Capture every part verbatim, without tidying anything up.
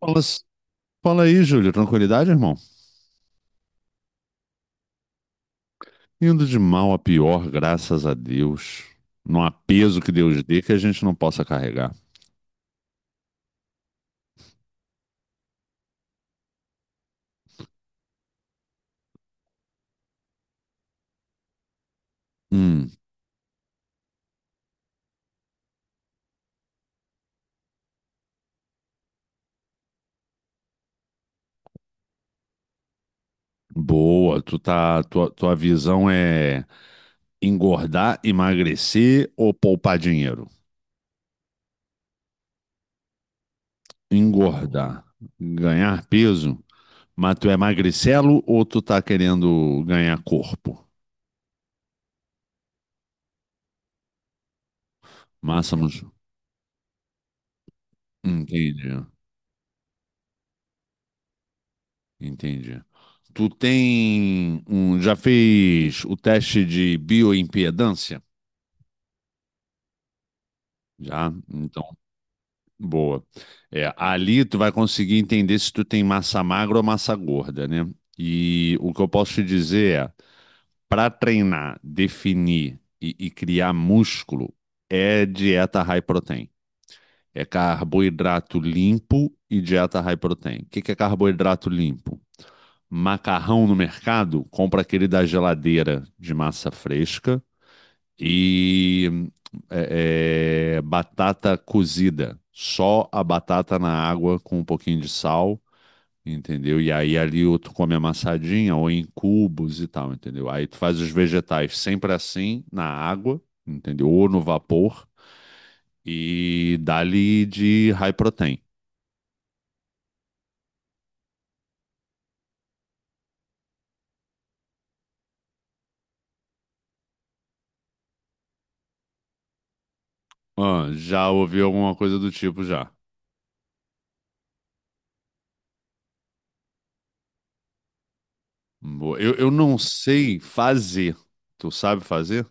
Fala, fala aí, Júlio. Tranquilidade, irmão? Indo de mal a pior, graças a Deus. Não há peso que Deus dê que a gente não possa carregar. Hum, boa. Tu tá, tua, tua visão é engordar, emagrecer ou poupar dinheiro? Engordar, ganhar peso, mas tu é magricelo ou tu tá querendo ganhar corpo? Massa, mus- entendi. Entendi. Tu tem um, já fez o teste de bioimpedância? Já? Então, boa. É, ali tu vai conseguir entender se tu tem massa magra ou massa gorda, né? E o que eu posso te dizer é, para treinar, definir e, e criar músculo, é dieta high protein. É carboidrato limpo e dieta high protein. O que que é carboidrato limpo? Macarrão no mercado, compra aquele da geladeira de massa fresca e é, é, batata cozida. Só a batata na água com um pouquinho de sal, entendeu? E aí ali ou tu come amassadinha ou em cubos e tal, entendeu? Aí tu faz os vegetais sempre assim, na água, entendeu? Ou no vapor e dá-lhe de high protein. Ah, já ouvi alguma coisa do tipo já. Boa. Eu, eu não sei fazer. Tu sabe fazer?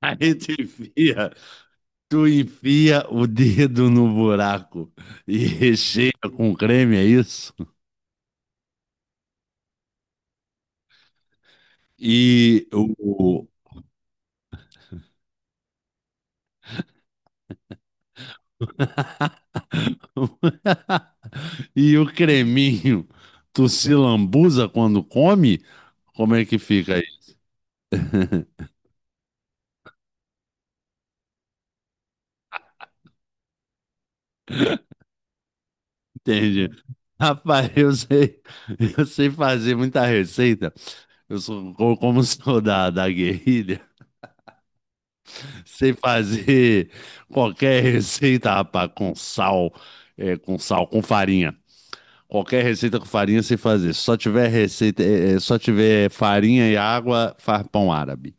Aí tu enfia, tu enfia o dedo no buraco e recheia com creme, é isso? E o, e o creminho, tu se lambuza quando come? Como é que fica aí? Entende? Rapaz, eu sei, eu sei fazer muita receita. Eu sou co- como sou da, da guerrilha. Sei fazer qualquer receita, rapaz, com sal, é, com sal, com farinha. Qualquer receita com farinha sei fazer. Se só tiver receita, é, é, só tiver farinha e água, faz pão árabe.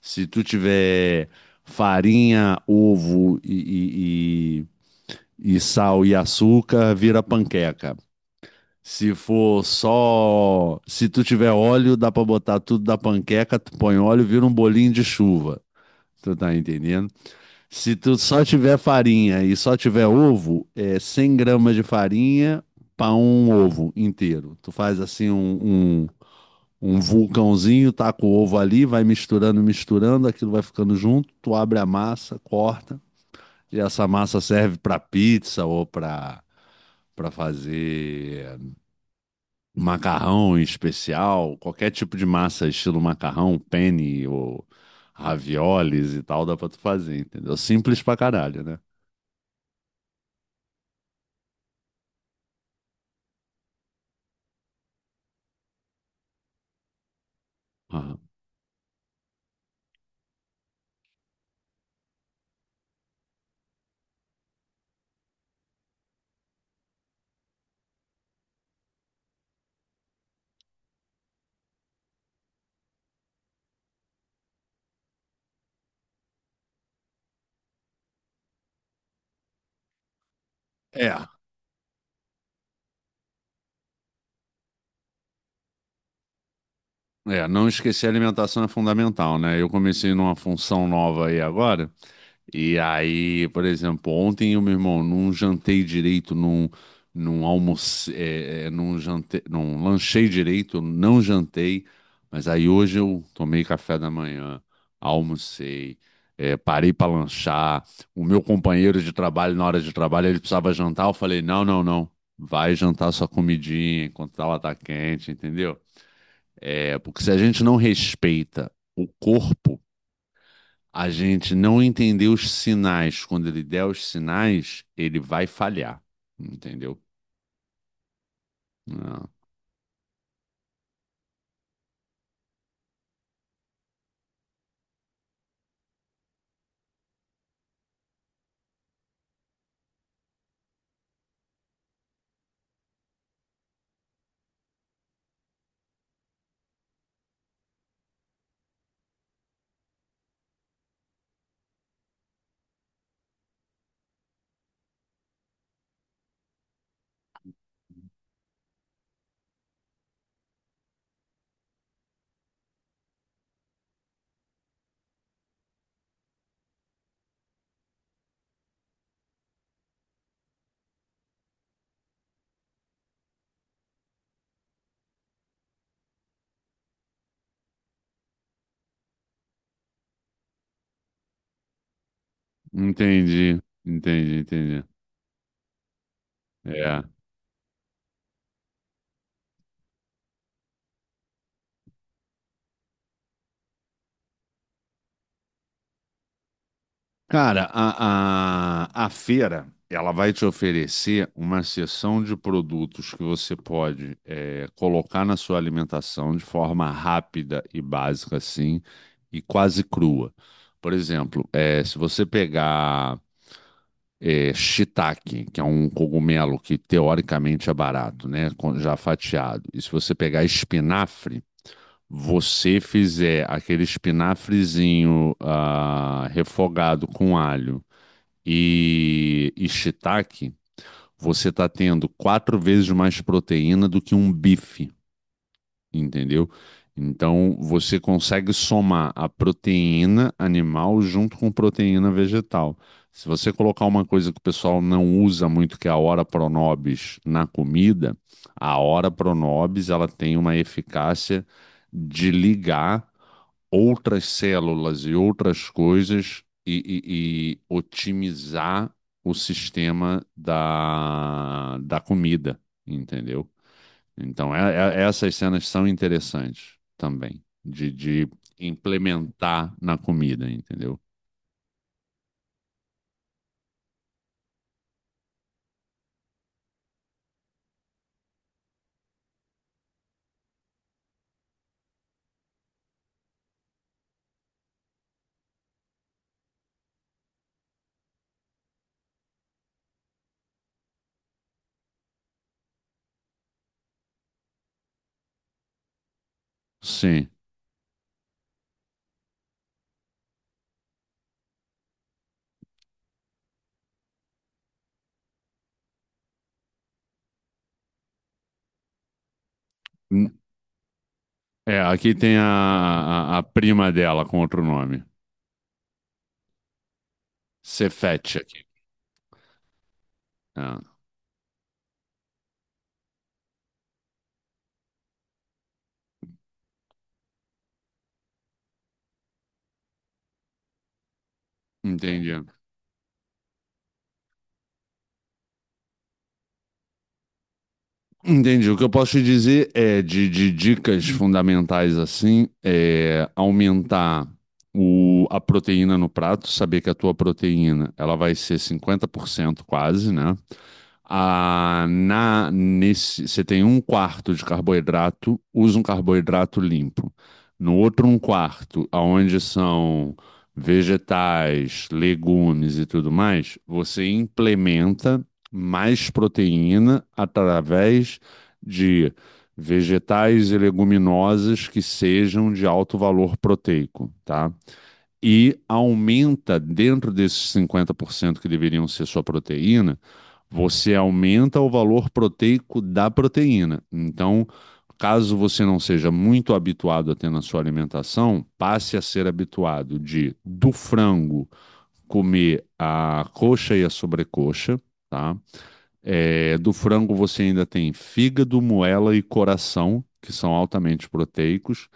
Se tu tiver farinha, ovo e, e, e- e sal e açúcar, vira panqueca. Se for só, se tu tiver óleo, dá pra botar tudo da panqueca, tu põe óleo, vira um bolinho de chuva. Tu tá entendendo? Se tu só tiver farinha e só tiver ovo, é cem gramas de farinha para um ovo inteiro. Tu faz assim um, um, um vulcãozinho, taca o ovo ali, vai misturando, misturando, aquilo vai ficando junto. Tu abre a massa, corta, e essa massa serve para pizza ou para para fazer macarrão especial, qualquer tipo de massa, estilo macarrão, penne ou raviolis e tal, dá para tu fazer, entendeu? Simples pra caralho, né? Aham. É, É, não esquecer a alimentação é fundamental, né? Eu comecei numa função nova aí agora, e aí, por exemplo, ontem eu, meu irmão, não jantei direito, não, não almocei, é, é, não jantei, não lanchei direito, não jantei, mas aí hoje eu tomei café da manhã, almocei, é, parei para lanchar. O meu companheiro de trabalho, na hora de trabalho, ele precisava jantar, eu falei, não, não, não, vai jantar sua comidinha enquanto ela tá quente, entendeu? É, porque se a gente não respeita o corpo, a gente não entender os sinais, quando ele der os sinais, ele vai falhar. Entendeu? Não. Entendi, entendi, entendi. É. Cara, a, a, a feira, ela vai te oferecer uma seção de produtos que você pode é, colocar na sua alimentação de forma rápida e básica, assim, e quase crua. Por exemplo, é, se você pegar é, shiitake, que é um cogumelo que teoricamente é barato, né? com- Já fatiado. E se você pegar espinafre, você fizer aquele espinafrezinho ah, refogado com alho e, e shiitake, você está tendo quatro vezes mais proteína do que um bife, entendeu? Então você consegue somar a proteína animal junto com proteína vegetal. Se você colocar uma coisa que o pessoal não usa muito, que é a ora pronobis, na comida, a ora pronobis ela tem uma eficácia de ligar outras células e outras coisas e, e- e otimizar o sistema da, da comida, entendeu? Então, é- é- essas cenas são interessantes também, de, de implementar na comida, entendeu? Sim. N- É, aqui tem a, a, a prima dela com outro nome. Cefete aqui. Ah, entendi. Entendi. O que eu posso te dizer é de, de dicas fundamentais assim, é aumentar o, a proteína no prato, saber que a tua proteína ela vai ser cinquenta por cento quase, né? Ah, na, nesse, você tem um quarto de carboidrato, usa um carboidrato limpo. No outro um quarto, aonde são vegetais, legumes e tudo mais, você implementa mais proteína através de vegetais e leguminosas que sejam de alto valor proteico, tá? E aumenta dentro desses cinquenta por cento que deveriam ser sua proteína, você aumenta o valor proteico da proteína. Então, caso você não seja muito habituado a ter na sua alimentação, passe a ser habituado de do frango, comer a coxa e a sobrecoxa, tá? É, do frango você ainda tem fígado, moela e coração, que são altamente proteicos,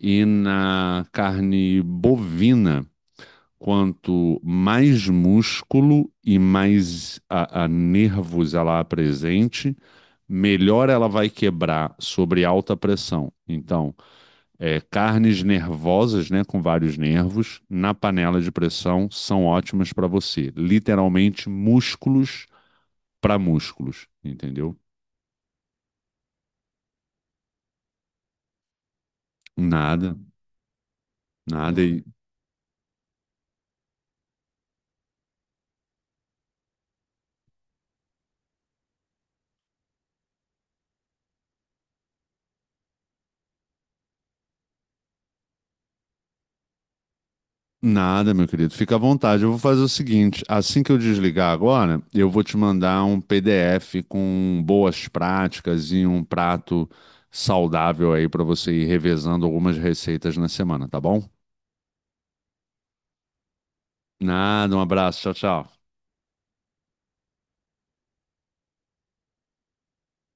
e na carne bovina quanto mais músculo e mais a, a nervos ela apresente, melhor ela vai quebrar sobre alta pressão. Então, é, carnes nervosas, né, com vários nervos, na panela de pressão são ótimas para você. Literalmente músculos para músculos, entendeu? Nada, nada. E nada, meu querido. Fica à vontade. Eu vou fazer o seguinte: assim que eu desligar agora, eu vou te mandar um P D F com boas práticas e um prato saudável aí para você ir revezando algumas receitas na semana, tá bom? Nada, um abraço. Tchau, tchau.